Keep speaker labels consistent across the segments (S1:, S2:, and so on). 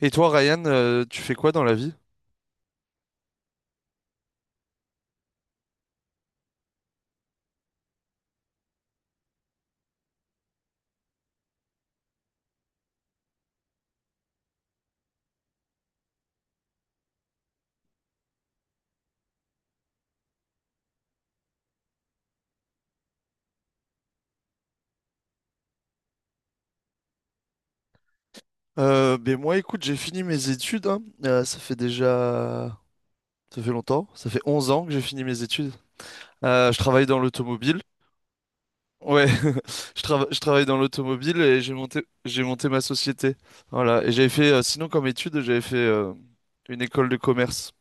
S1: Et toi, Ryan, tu fais quoi dans la vie? Ben moi, écoute, j'ai fini mes études, hein. Ça fait déjà. Ça fait longtemps. Ça fait 11 ans que j'ai fini mes études. Je travaille dans l'automobile. Ouais, je travaille dans l'automobile et j'ai monté ma société. Voilà. Et j'avais fait, sinon comme étude, j'avais fait une école de commerce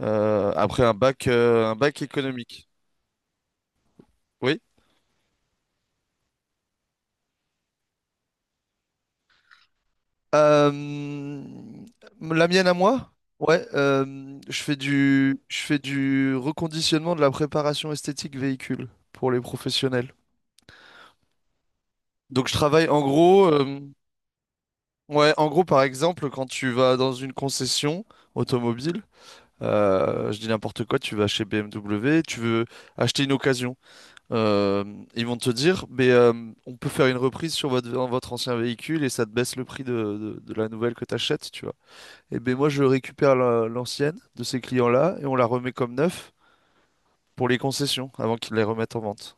S1: euh, après un bac économique. Oui. Euh, la mienne à moi? Ouais, je fais du reconditionnement de la préparation esthétique véhicule pour les professionnels. Donc je travaille en gros, ouais, en gros par exemple quand tu vas dans une concession automobile, je dis n'importe quoi, tu vas chez BMW, tu veux acheter une occasion, euh, ils vont te dire, mais on peut faire une reprise sur votre ancien véhicule et ça te baisse le prix de la nouvelle que tu achètes. Eh ben moi, je récupère l'ancienne de ces clients-là et on la remet comme neuf pour les concessions avant qu'ils les remettent en vente.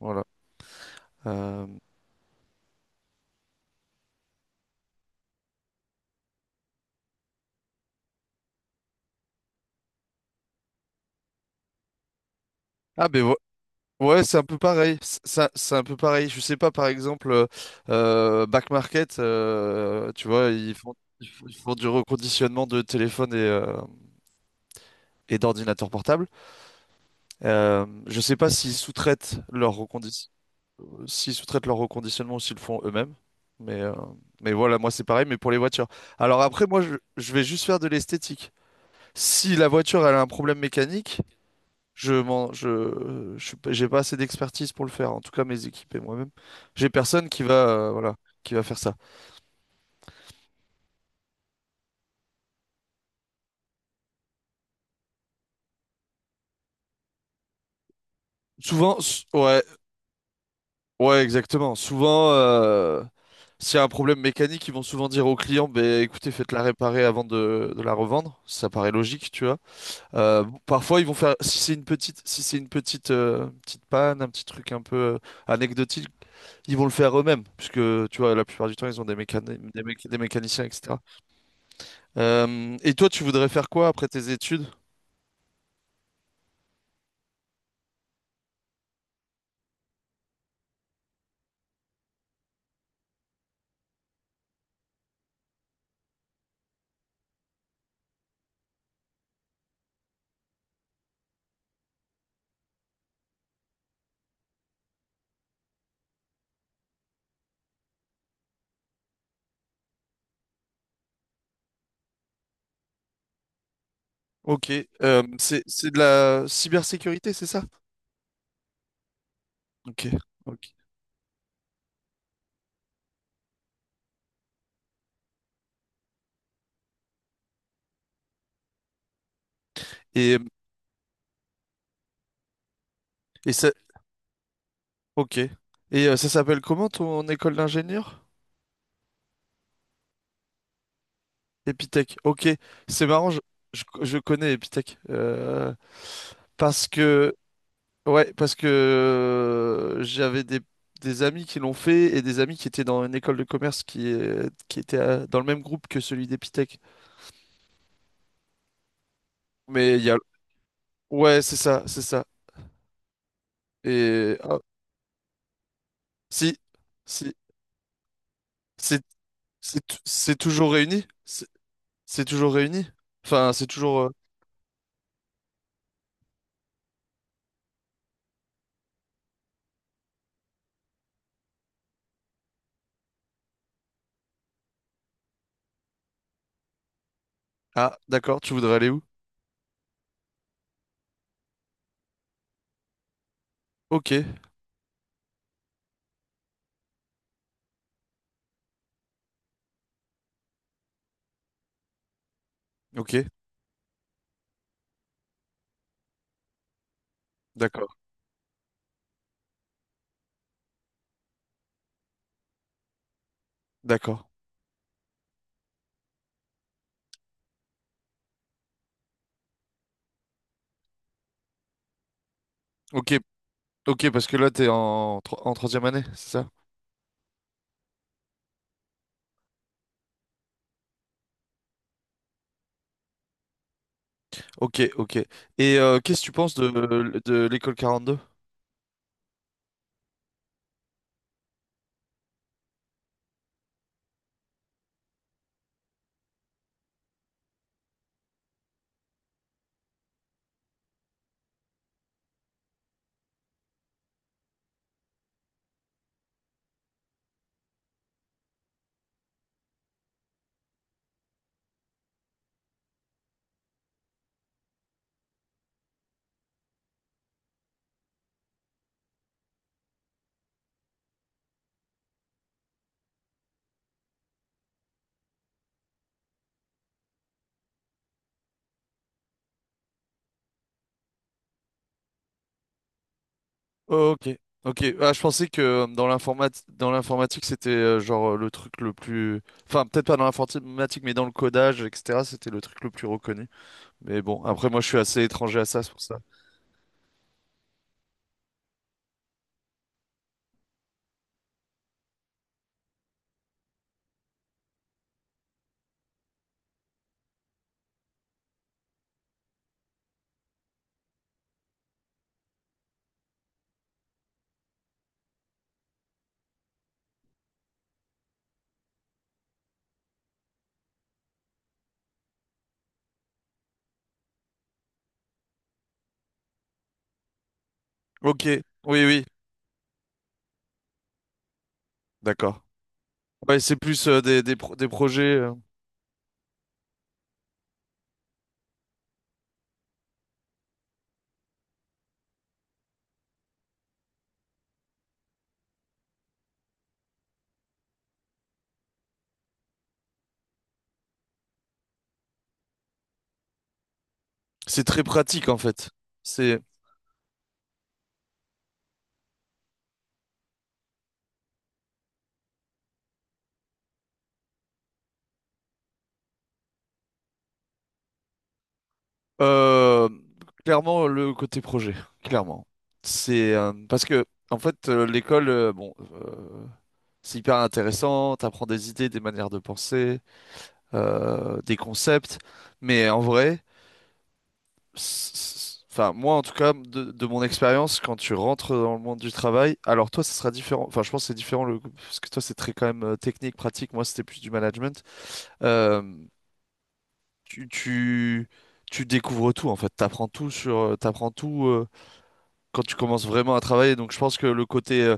S1: Voilà. Euh, Ah ben, ouais, c'est un peu pareil. C'est un peu pareil. Je sais pas, par exemple, Back Market, tu vois, ils font du reconditionnement de téléphones et d'ordinateurs portables. Je sais pas s'ils sous-traitent leur reconditionnement. S'ils sous-traitent leur reconditionnement, s'ils le font eux-mêmes. Mais, euh, mais voilà, moi c'est pareil, mais pour les voitures. Alors après, moi je vais juste faire de l'esthétique. Si la voiture elle a un problème mécanique, je m'en, je suis pas- j'ai pas assez d'expertise pour le faire. En tout cas, mes équipes et moi-même, j'ai personne qui va, voilà, qui va faire ça. Ouais, ouais, exactement. Souvent, s'il y a un problème mécanique, ils vont souvent dire au client, ben écoutez, faites-la réparer avant de la revendre. Ça paraît logique, tu vois. Parfois, ils vont faire, si c'est une petite, petite panne, un petit truc un peu anecdotique, ils vont le faire eux-mêmes, puisque tu vois, la plupart du temps, ils ont des mécaniciens, etc. Et toi, tu voudrais faire quoi après tes études? Ok, c'est de la cybersécurité, c'est ça? Ok, ok. Et, et ça, ok. Et ça s'appelle comment ton école d'ingénieur? Epitech. Ok, c'est marrant, je connais Epitech, parce que... Ouais, parce que j'avais des amis qui l'ont fait et des amis qui étaient dans une école de commerce qui, qui était dans le même groupe que celui d'Epitech. Mais il y a... Ouais, c'est ça, c'est ça. Et... ah, si, si, c'est c'est toujours réuni? C'est toujours réuni? Enfin, c'est toujours... Ah, d'accord, tu voudrais aller où? Ok, ok, d'accord, d'accord. Ok, ok, parce que là, en troisième année, c'est ça? Ok, ok. Et qu'est-ce que tu penses de l'école 42? Oh, ok, ok. Ah, je pensais que dans l'informatique, c'était genre le truc le plus, enfin peut-être pas dans l'informatique, mais dans le codage, etc. C'était le truc le plus reconnu. Mais bon, après moi, je suis assez étranger à ça, c'est pour ça. Ok, oui, oui, d'accord. Ouais, c'est plus des projets. C'est très pratique en fait. C'est Euh, clairement, le côté projet, clairement. C'est Parce que, en fait, l'école, bon, c'est hyper intéressant, t'apprends des idées, des manières de penser, des concepts, mais en vrai, enfin, moi, en tout cas, de mon expérience, quand tu rentres dans le monde du travail, alors toi, ça sera différent, enfin, je pense que c'est différent, le, parce que toi, c'est très quand même technique, pratique, moi, c'était plus du management. Euh, tu, tu, tu découvres tout, en fait, t'apprends tout sur, t'apprends tout. Quand tu commences vraiment à travailler. Donc je pense que le côté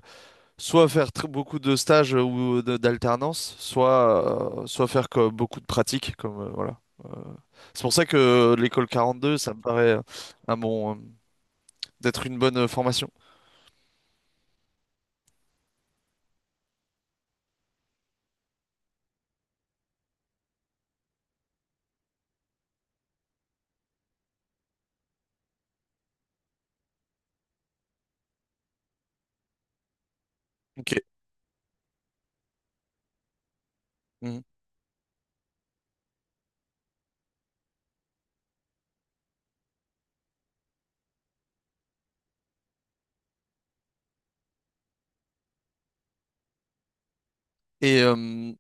S1: soit beaucoup de stages ou d'alternance, soit beaucoup de pratiques. Comme, voilà. C'est pour ça que l'école 42, ça me paraît un bon, d'être une bonne formation. Ok. Mhm. Et, euh,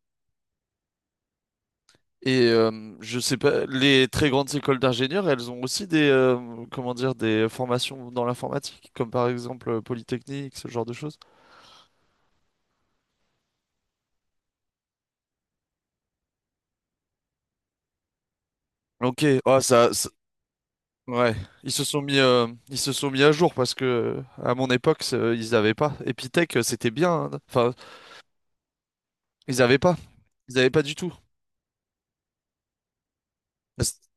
S1: et je sais pas, les très grandes écoles d'ingénieurs, elles ont aussi des, comment dire, des formations dans l'informatique, comme par exemple Polytechnique, ce genre de choses. Ok, ah, ça... Ouais, ils se sont mis à jour parce que à mon époque, ils n'avaient pas. Epitech, c'était bien, hein. Enfin, ils n'avaient pas. Ils n'avaient pas du tout. C'est...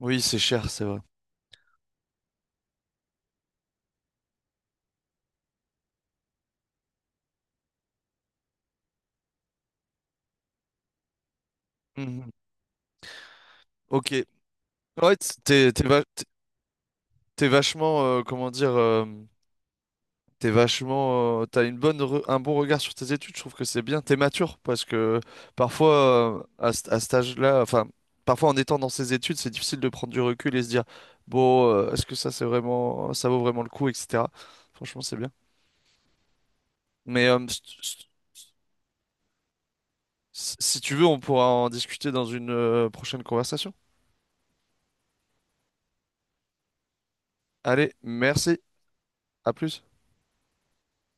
S1: Oui, c'est cher, c'est vrai. Mhm. Ok. Ouais, t'es vachement, comment dire, t'es vachement, t'as une bonne, un bon regard sur tes études. Je trouve que c'est bien. T'es mature parce que parfois, à, à cet âge-là, enfin, parfois en étant dans ses études, c'est difficile de prendre du recul et se dire, bon, est-ce que ça, c'est vraiment, ça vaut vraiment le coup, etc. Franchement, c'est bien. Mais si tu veux, on pourra en discuter dans une prochaine conversation. Allez, merci. À plus.